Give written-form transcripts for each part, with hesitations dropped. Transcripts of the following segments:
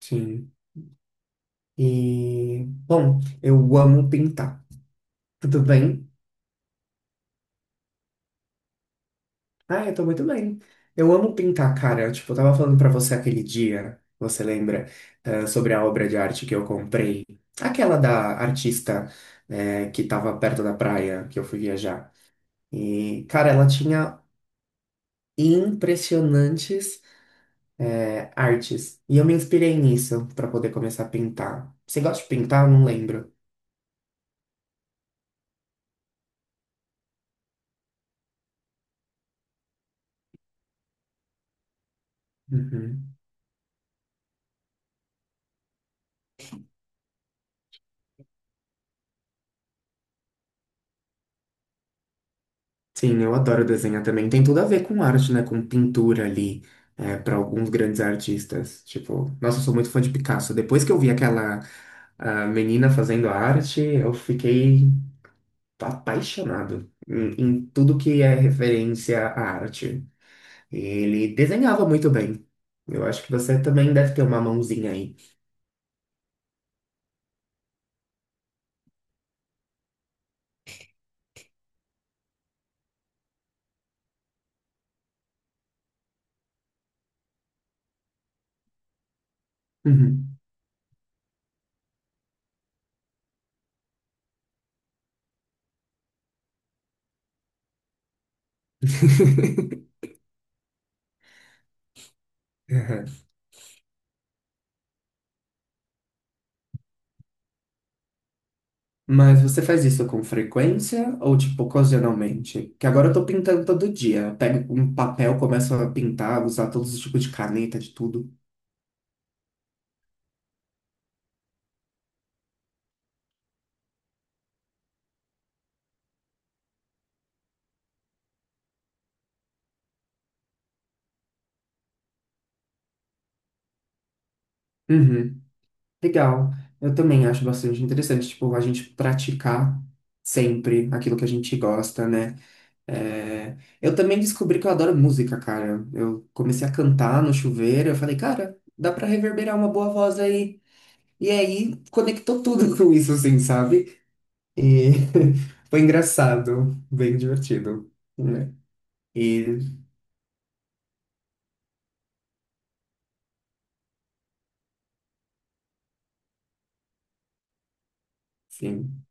Sim. E, bom, eu amo pintar. Tudo bem? Ah, eu tô muito bem. Eu amo pintar, cara. Tipo, eu tava falando pra você aquele dia, você lembra, sobre a obra de arte que eu comprei? Aquela da artista, que tava perto da praia, que eu fui viajar. E, cara, ela tinha impressionantes, artes. E eu me inspirei nisso pra poder começar a pintar. Você gosta de pintar? Eu não lembro. Uhum. Sim, eu adoro desenhar também. Tem tudo a ver com arte, né? Com pintura ali, é, para alguns grandes artistas. Tipo, nossa, eu sou muito fã de Picasso. Depois que eu vi aquela menina fazendo arte, eu fiquei apaixonado em tudo que é referência à arte. Ele desenhava muito bem. Eu acho que você também deve ter uma mãozinha aí. Uhum. Mas você faz isso com frequência ou tipo ocasionalmente? Que agora eu tô pintando todo dia. Eu pego um papel, começo a pintar, usar todos os tipos de caneta, de tudo. Uhum. Legal. Eu também acho bastante interessante, tipo, a gente praticar sempre aquilo que a gente gosta, né? É, eu também descobri que eu adoro música, cara. Eu comecei a cantar no chuveiro, eu falei, cara, dá pra reverberar uma boa voz aí. E aí conectou tudo com isso, assim, sabe? E foi engraçado, bem divertido, né? E sim.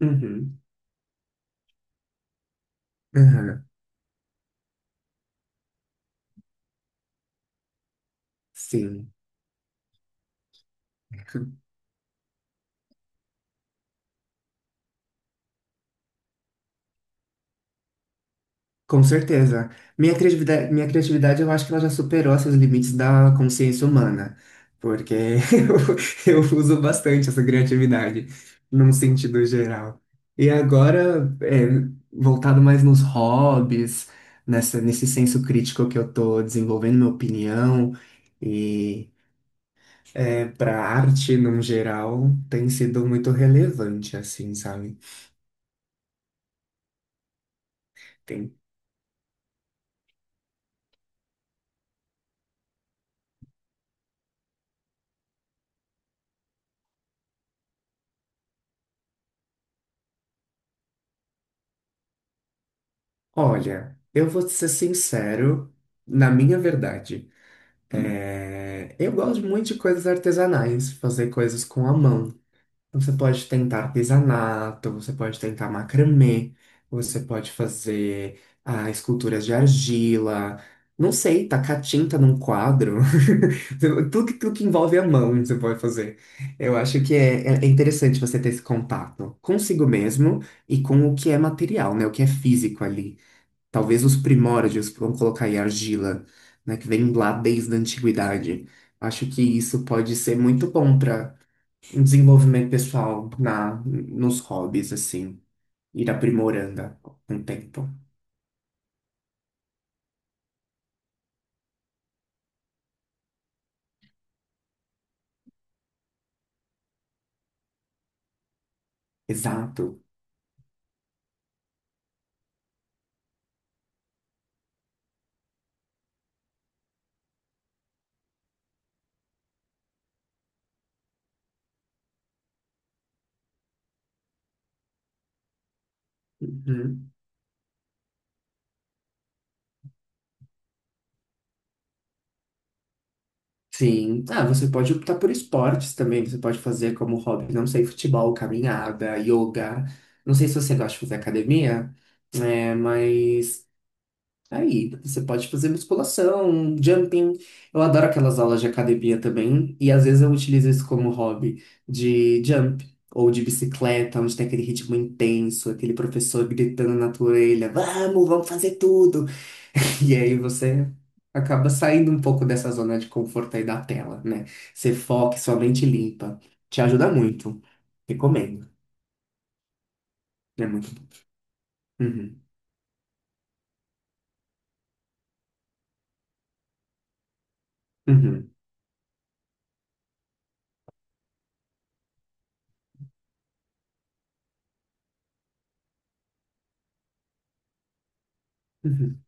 Uhum. Aham. Sim. Com certeza. Minha criatividade, eu acho que ela já superou esses limites da consciência humana, porque eu uso bastante essa criatividade, num sentido geral. E agora, é, voltado mais nos hobbies, nesse senso crítico que eu tô desenvolvendo, minha opinião, é, para arte, num geral, tem sido muito relevante, assim, sabe? Tem... Olha, eu vou ser sincero, na minha verdade, é, eu gosto muito de coisas artesanais, fazer coisas com a mão. Então, você pode tentar artesanato, você pode tentar macramê, você pode fazer esculturas de argila, não sei, tacar tinta num quadro. Tudo que envolve a mão você pode fazer. Eu acho que é interessante você ter esse contato consigo mesmo e com o que é material, né? O que é físico ali. Talvez os primórdios, vamos colocar aí argila, né? Que vem lá desde a antiguidade. Acho que isso pode ser muito bom para um desenvolvimento pessoal nos hobbies, assim, ir aprimorando com o tempo. Exato. Uhum. Sim. Ah, você pode optar por esportes também, você pode fazer como hobby, não sei, futebol, caminhada, yoga. Não sei se você gosta de fazer academia, né, mas aí, você pode fazer musculação, jumping. Eu adoro aquelas aulas de academia também. E às vezes eu utilizo isso como hobby de jump ou de bicicleta, onde tem aquele ritmo intenso, aquele professor gritando na tua orelha: Vamos, vamos fazer tudo. E aí você acaba saindo um pouco dessa zona de conforto aí da tela, né? Você foca, e sua mente limpa. Te ajuda muito. Recomendo. É muito bom. Uhum, uhum, uhum,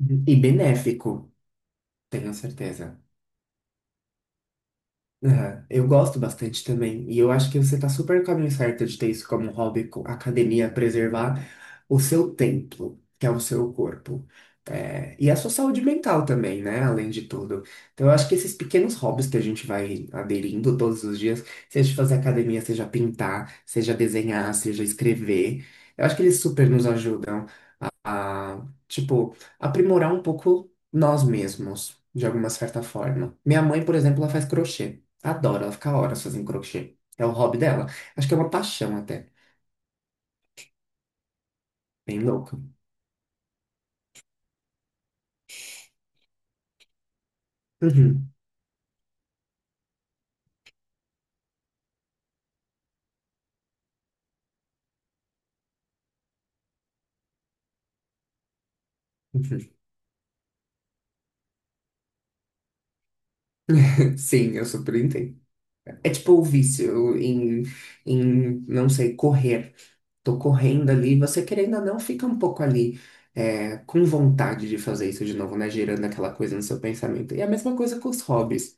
uhum. E benéfico, tenho certeza. Aham. Eu gosto bastante também, e eu acho que você tá super no caminho certo de ter isso como um hobby, academia, preservar o seu templo, que é o seu corpo, é, e a sua saúde mental também, né? Além de tudo. Então, eu acho que esses pequenos hobbies que a gente vai aderindo todos os dias, seja fazer academia, seja pintar, seja desenhar, seja escrever, eu acho que eles super nos ajudam a, tipo, aprimorar um pouco nós mesmos, de alguma certa forma. Minha mãe, por exemplo, ela faz crochê. Adora, ela fica horas fazendo crochê. É o hobby dela. Acho que é uma paixão até. Bem louca. Uhum. Sim, eu super entendo. É tipo o vício em, não sei, correr. Tô correndo ali, você querendo ou não, fica um pouco ali com vontade de fazer isso de novo, né? Gerando aquela coisa no seu pensamento. E é a mesma coisa com os hobbies.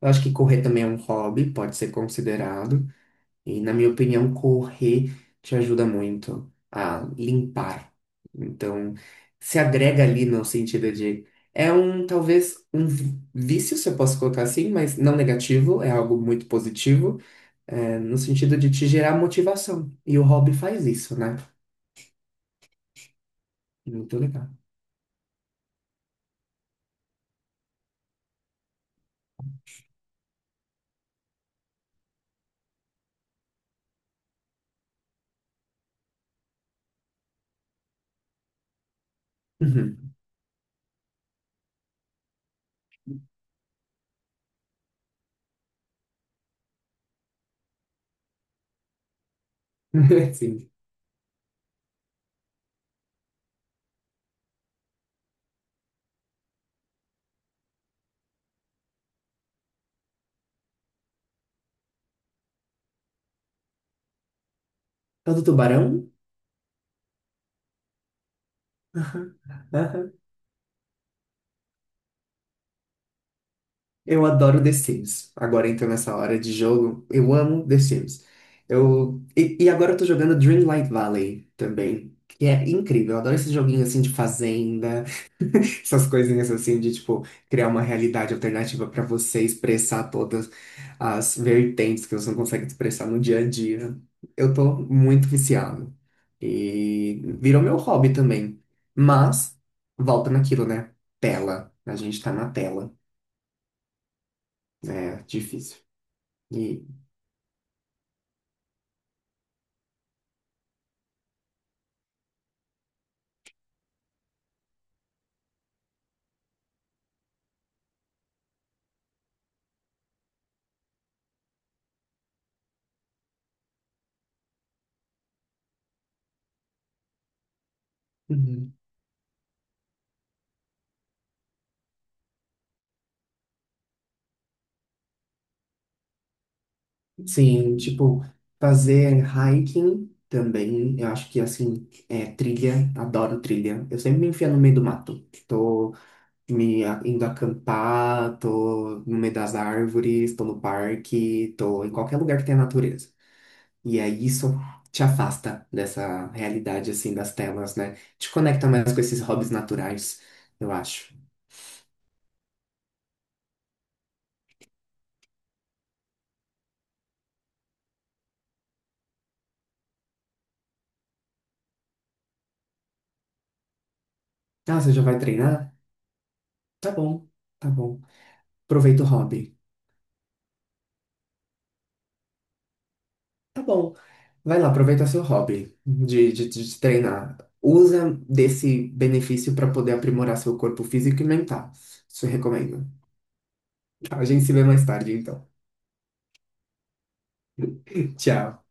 Eu acho que correr também é um hobby, pode ser considerado. E, na minha opinião, correr te ajuda muito a limpar. Então, se agrega ali no sentido de. É um, talvez, um vício, se eu posso colocar assim, mas não negativo, é algo muito positivo, é, no sentido de te gerar motivação. E o hobby faz isso, né? Muito legal. Uhum. Sim. Tal do tubarão? Aham, aham. Eu adoro The Sims. Agora então nessa hora de jogo, eu amo The Sims. Eu... E agora eu tô jogando Dreamlight Valley também, que é incrível. Eu adoro esse joguinho assim de fazenda. Essas coisinhas assim de tipo criar uma realidade alternativa pra você expressar todas as vertentes que você não consegue expressar no dia a dia. Eu tô muito viciado. E virou meu hobby também. Mas volta naquilo, né? Tela. A gente tá na tela. É difícil. E. Uhum. Sim, tipo, fazer hiking também, eu acho que assim, é trilha, adoro trilha. Eu sempre me enfio no meio do mato. Tô indo acampar, tô no meio das árvores, tô no parque, tô em qualquer lugar que tenha natureza. E é isso te afasta dessa realidade assim das telas, né? Te conecta mais com esses hobbies naturais, eu acho. Ah, você já vai treinar? Tá bom, tá bom. Aproveita o hobby. Tá bom, vai lá, aproveita seu hobby de treinar. Usa desse benefício para poder aprimorar seu corpo físico e mental. Isso eu recomendo. A gente se vê mais tarde, então. Tchau.